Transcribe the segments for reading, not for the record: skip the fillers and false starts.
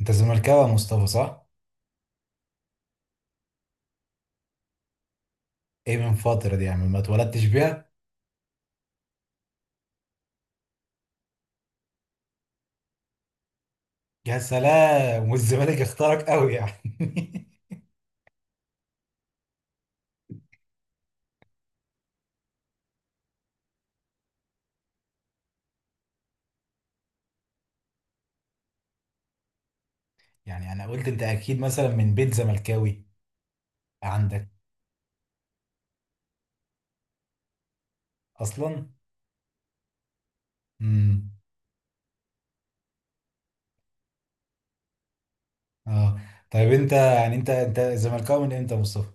انت زملكاوي يا مصطفى، صح؟ ايه من فترة دي، يعني ما اتولدتش بيها؟ يا سلام والزمالك اختارك قوي يعني. يعني انا قلت انت اكيد مثلا من بيت زملكاوي عندك. اصلا؟ امم. اه، طيب انت يعني انت زملكاوي من امتى يا مصطفى؟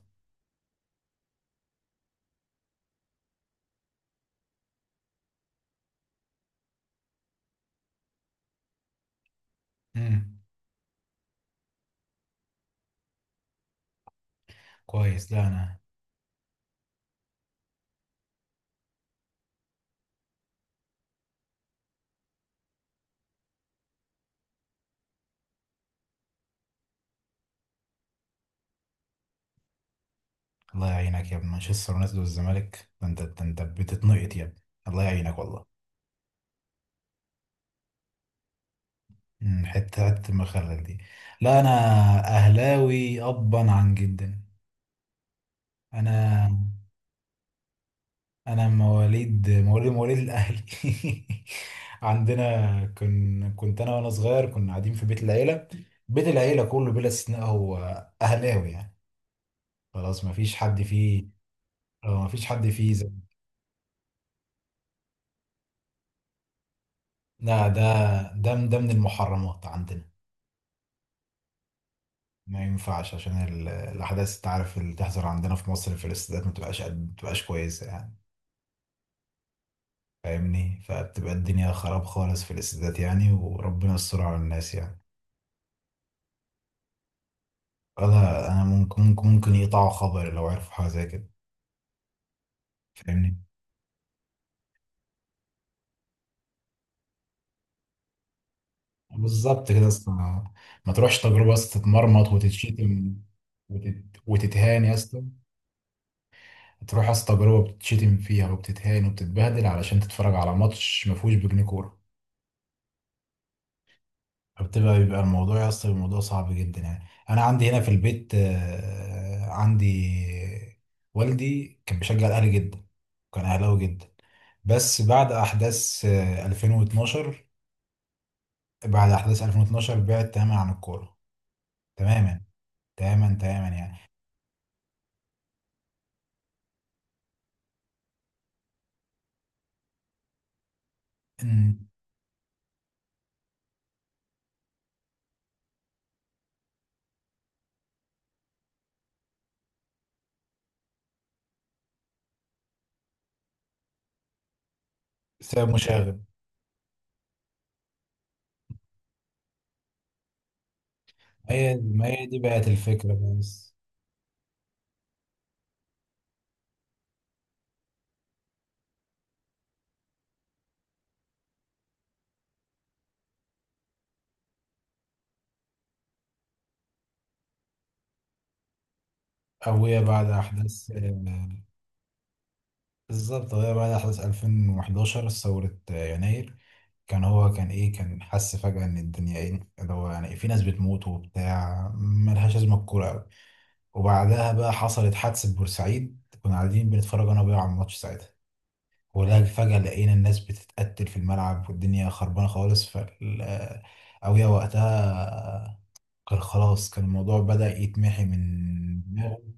امم، كويس. لا انا، الله يعينك يا ابن مانشستر يونايتد والزمالك، ده انت، ده انت بتتنقط يا ابني. الله يعينك والله. امم، حتة حتة المخلل دي. لا انا اهلاوي ابا عن جدا. انا انا مواليد الاهلي. عندنا كنت انا وانا صغير كنا قاعدين في بيت العيله، بيت العيله كله بلا استثناء هو اهلاوي يعني. خلاص ما فيش حد فيه. ما فيش حد فيه زي. لا، ده ده من المحرمات عندنا. ما ينفعش عشان الاحداث انت عارف اللي تحصل عندنا في مصر في الاستادات، ما تبقاش قد ما تبقاش كويسه يعني، فاهمني؟ فبتبقى الدنيا خراب خالص في الاستادات يعني، وربنا يستر على الناس يعني. لا انا، ممكن يقطعوا خبر لو عرفوا حاجه زي كده، فاهمني؟ بالظبط كده، اصلا ما تروحش تجربه بس تتمرمط وتتشتم، وتتهان يا اسطى. تروح اصلا تجربه بتتشتم فيها وبتتهان وبتتبهدل، علشان تتفرج على ماتش ما فيهوش بجنيه كوره. بيبقى الموضوع يا اسطى، الموضوع صعب جدا يعني. انا عندي هنا في البيت، عندي والدي كان بيشجع الاهلي جدا، كان اهلاوي جدا. بس بعد احداث 2012، بعد أحداث 2012 بعد تماما عن الكورة. تماما، تماما يعني. أمم. بسبب مشاغب. هي، ما هي دي بقت الفكرة. بس أو هي بعد أحداث بالظبط، هي بعد أحداث 2011، ثورة يناير. كان هو كان إيه، كان حس فجأة إن الدنيا إيه اللي هو يعني، في ناس بتموت وبتاع، ملهاش لازمة الكورة أوي. وبعدها بقى حصلت حادثة بورسعيد، كنا قاعدين بنتفرج أنا وأبويا على الماتش ساعتها، ولا فجأة لقينا الناس بتتقتل في الملعب والدنيا خربانة خالص. فال أويا وقتها كان خلاص، كان الموضوع بدأ يتمحي من دماغه.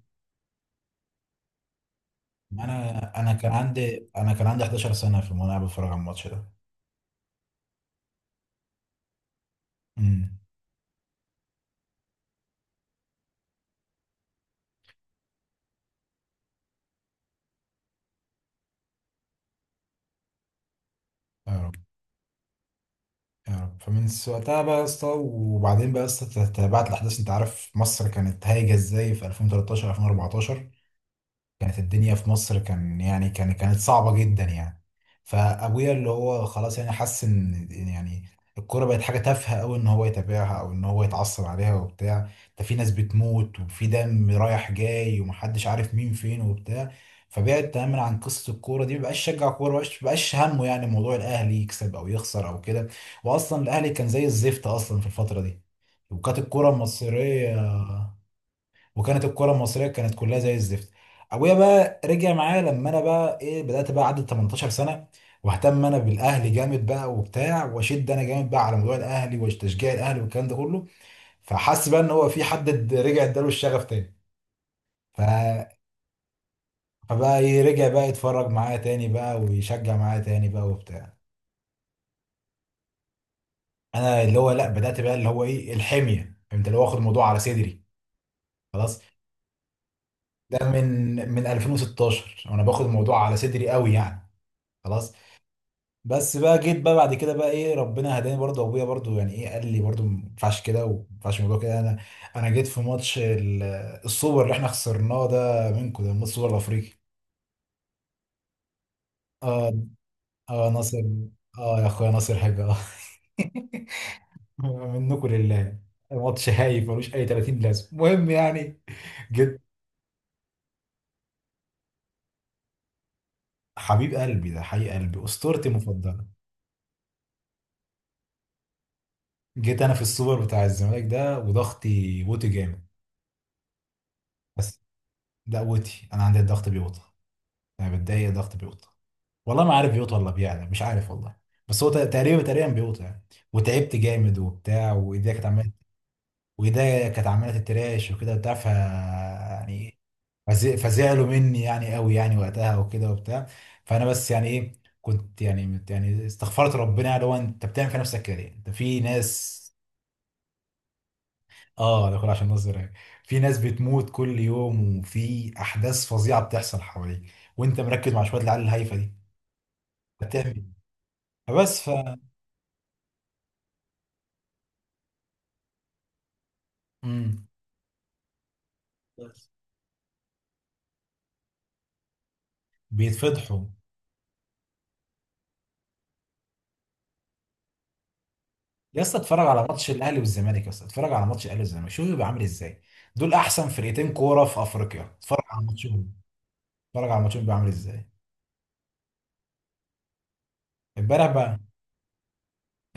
أنا كان عندي، كان عندي 11 سنة في، وأنا قاعد بتفرج على الماتش ده. امم. يا رب. يا رب، وقتها بقى يا اسطى، وبعدين بقى يا اسطى تابعت الأحداث، أنت عارف مصر كانت هايجة إزاي في 2013، 2014. كانت الدنيا في مصر كان يعني كان، كانت صعبة جدا يعني. فأبويا اللي هو خلاص يعني حس إن يعني الكورة بقت حاجة تافهة أوي، إن هو يتابعها أو إن هو يتعصب عليها وبتاع. ده في ناس بتموت، وفي دم رايح جاي، ومحدش عارف مين فين وبتاع. فبعد تماما عن قصة الكورة دي، مبقاش شجع كورة، مبقاش همه يعني موضوع الأهلي يكسب أو يخسر أو كده. وأصلا الأهلي كان زي الزفت أصلا في الفترة دي. وكانت الكرة المصرية، وكانت الكره المصريه كانت كلها زي الزفت. ابويا بقى رجع معايا لما انا بقى ايه، بدات بقى عدت 18 سنه، واهتم انا بالاهلي جامد بقى وبتاع، واشد انا جامد بقى على موضوع الاهلي وتشجيع الاهلي والكلام ده كله. فحس بقى ان هو في حد رجع اداله الشغف تاني. ف... فبقى ايه، رجع بقى يتفرج معايا تاني بقى، ويشجع معايا تاني بقى وبتاع. انا اللي هو لا، بدات بقى اللي هو ايه الحميه، فهمت، اللي هو واخد الموضوع على صدري. خلاص، ده من، من 2016 وانا باخد الموضوع على صدري قوي يعني. خلاص. بس بقى جيت بقى بعد كده بقى ايه، ربنا هداني برضه، ابويا برضه يعني ايه قال لي برضه ما ينفعش كده، وما ينفعش الموضوع كده. انا جيت في ماتش السوبر اللي احنا خسرناه ده منكم، ده ماتش السوبر الافريقي. اه. اه ناصر. اه يا اخويا ناصر حاجه، اه. منكم لله. ماتش هايف ملوش اي 30 لازمه، المهم يعني. جيت، حبيب قلبي ده، حقيق قلبي اسطورتي المفضله. جيت انا في السوبر بتاع الزمالك ده، وضغطي بوتي جامد. بس ده قوتي، انا عندي الضغط بيوطى. يعني ده هي ضغط بيوت، والله ما عارف بيوت ولا بيعلى، مش عارف والله. بس هو تقريبا، بيوت يعني. وتعبت جامد وبتاع، وايديا كانت عماله، وايديا كانت عماله تتراش وكده بتاع، ف يعني فزعلوا مني يعني قوي يعني وقتها وكده وبتاع. فانا بس يعني ايه، كنت يعني يعني استغفرت ربنا، يعني هو انت بتعمل في نفسك كده ليه؟ انت في ناس. اه، ده كله عشان نظر يعني. في ناس بتموت كل يوم، وفي احداث فظيعه بتحصل حواليك، وانت مركز مع شويه العيال الهايفه دي. بتعمل، فبس. امم. فبيتفضحوا. يا اسطى اتفرج على ماتش الاهلي والزمالك، يا اسطى اتفرج على ماتش الاهلي والزمالك، شوف بيبقى عامل ازاي. دول احسن فرقتين كوره في افريقيا، اتفرج على ماتشهم، اتفرج على ماتشهم بيبقى عامل ازاي. امبارح بقى،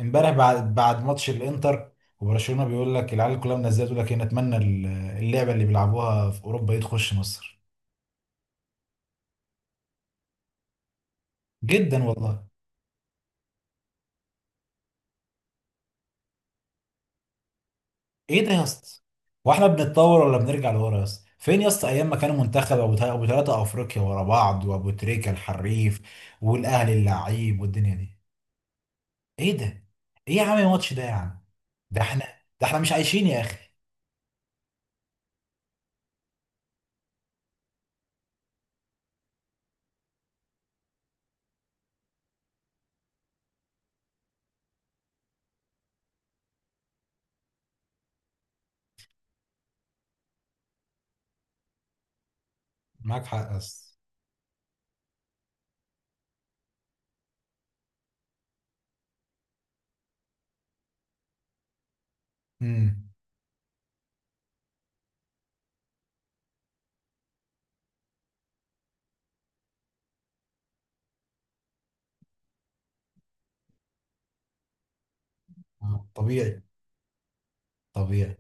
امبارح بعد ماتش الانتر وبرشلونه، بيقول لك العيال كلها منزله تقول لك ايه، نتمنى اللعبه اللي بيلعبوها في اوروبا دي تخش مصر. جدا والله. ايه ده يا اسطى؟ هو احنا بنتطور ولا بنرجع لورا يا اسطى؟ فين يا اسطى ايام ما كانوا منتخب ابو ابو ثلاثه افريقيا ورا بعض، وابو تريكه الحريف، والاهلي اللعيب والدنيا دي. ايه ده؟ ايه يا عم الماتش ده يا عم؟ ده احنا ده احنا مش عايشين يا اخي. معاك حق يا اسطى. امم. طبيعي. طبيعي.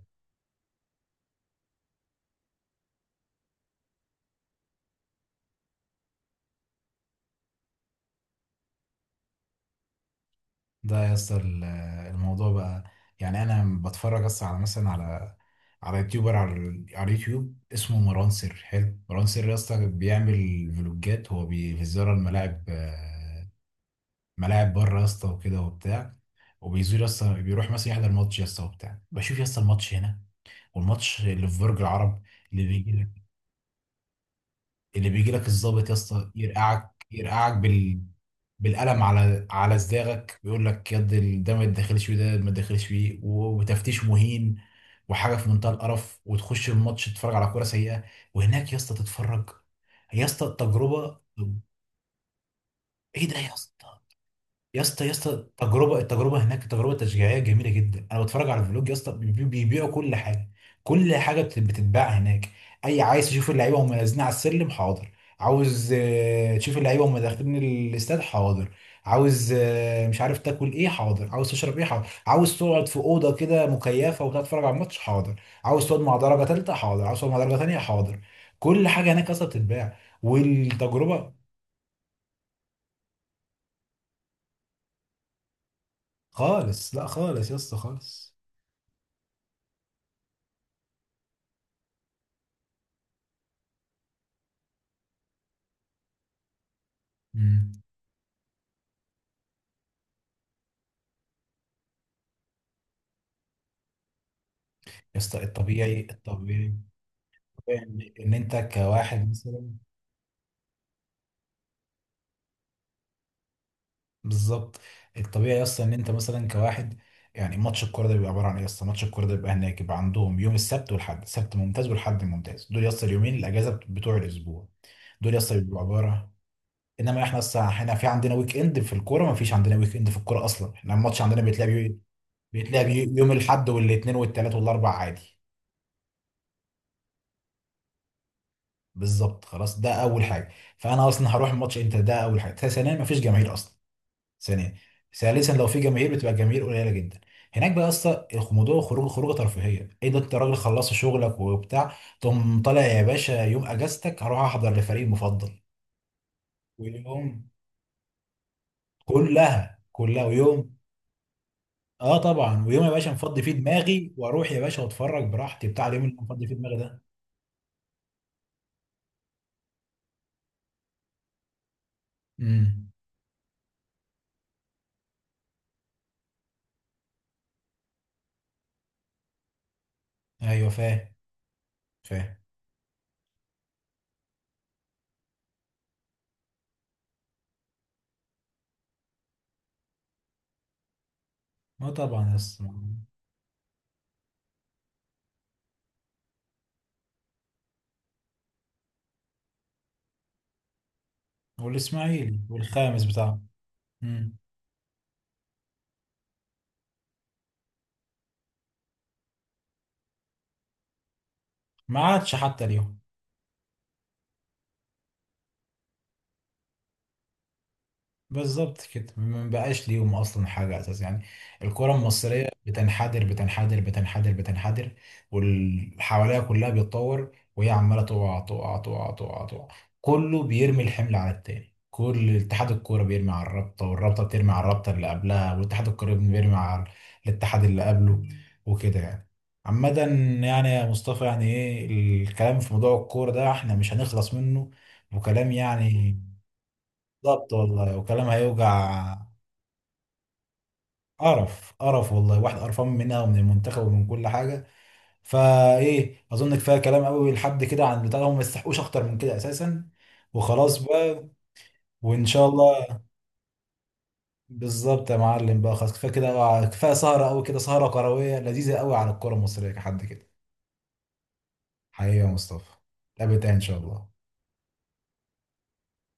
ده يا اسطى الموضوع بقى، يعني انا بتفرج اصلا على مثلا على، يوتيوبر على على اليوتيوب اسمه مروان سر حلو، مروان سر يا اسطى، بيعمل فلوجات، هو بيزور الملاعب، ملاعب بره يا اسطى وكده وبتاع. وبيزور يا اسطى، بيروح مثلا يحضر ماتش يا اسطى وبتاع. بشوف يا اسطى الماتش هنا والماتش اللي في برج العرب. اللي بيجي، اللي بيجي لك الضابط يا اسطى يرقعك، بال، بالقلم على، صداعك، بيقول لك يد ده ما تدخلش فيه، ده ما تدخلش فيه وتفتيش مهين، وحاجه في منتهى القرف. وتخش الماتش تتفرج على كوره سيئه. وهناك يا اسطى تتفرج، يا اسطى التجربه. ايه ده يا اسطى؟ يا اسطى، التجربه، هناك تجربه تشجيعيه جميله جدا. انا بتفرج على الفلوج يا اسطى، بيبيعوا كل حاجه، كل حاجه بتتباع هناك. اي عايز تشوف اللعيبه وهم نازلين على السلم، حاضر. عاوز تشوف اللعيبه وهم داخلين الاستاد، حاضر. عاوز مش عارف تاكل ايه، حاضر. عاوز تشرب ايه، حاضر. عاوز تقعد في اوضه كده مكيفه وتقعد تتفرج على الماتش، حاضر. عاوز تقعد مع درجه ثالثه، حاضر. عاوز تقعد مع درجه ثانيه، حاضر. كل حاجه هناك اصلا بتتباع. والتجربه، خالص. لا خالص يا اسطى خالص. مم. يا اسطى الطبيعي، الطبيعي، الطبيعي ان إن انت كواحد مثلا. بالظبط. الطبيعي يا اسطى ان انت مثلا كواحد، يعني ماتش الكوره ده بيبقى عباره عن ايه يا اسطى؟ ماتش الكوره ده بيبقى هناك، يبقى عندهم يوم السبت والحد. السبت ممتاز والحد ممتاز، دول يا اسطى اليومين الاجازه بتوع الاسبوع، دول يا اسطى بيبقوا عباره. انما احنا اصلا احنا في عندنا ويك اند في الكوره، ما فيش عندنا ويك اند في الكوره اصلا، احنا الماتش عندنا يوم الاحد والاثنين والثلاث والاربع عادي. بالظبط. خلاص، ده اول حاجه. فانا اصلا هروح الماتش امتى؟ ده اول حاجه. ثانيا، ما فيش جماهير اصلا. ثانيا، ثالثا، لو في جماهير بتبقى الجماهير قليله جدا. هناك بقى يا اسطى موضوع الخروج، خروجه ترفيهيه. ايه ده، انت راجل خلصت شغلك وبتاع، تقوم طالع يا باشا يوم اجازتك، هروح احضر لفريق المفضل. ويوم، كلها ويوم. اه طبعا، ويوم يا باشا مفضي فيه دماغي، واروح يا باشا واتفرج براحتي بتاع، اليوم اللي مفضي فيه دماغي ده. امم. ايوه فاهم. فاهم. ما طبعا يا اسطى. والاسماعيلي والخامس بتاعه. امم. ما عادش حتى اليوم. بالظبط كده، ما بقاش ليهم اصلا حاجه اساس يعني. الكره المصريه بتنحدر، بتنحدر. واللي حواليها كلها بيتطور، وهي عماله تقع تقع. كله بيرمي الحمل على التاني، كل اتحاد الكوره بيرمي على الرابطه، والرابطه بترمي على الرابطه اللي قبلها، والاتحاد الكوره بيرمي على الاتحاد اللي قبله، وكده يعني. عامة، يعني يا مصطفى يعني ايه، الكلام في موضوع الكورة ده احنا مش هنخلص منه، وكلام يعني. بالظبط والله، وكلام هيوجع. قرف والله، واحد قرفان منها ومن المنتخب ومن كل حاجه. فايه، اظن كفايه كلام قوي لحد كده، عن بتاع هم ما يستحقوش اكتر من كده اساسا، وخلاص بقى. وان شاء الله. بالظبط يا معلم، بقى خلاص كفايه كده بقى. كفايه سهره قوي كده، سهره كرويه لذيذه قوي على الكره المصريه كحد كده. حقيقي يا مصطفى، نتقابل تاني ان شاء الله.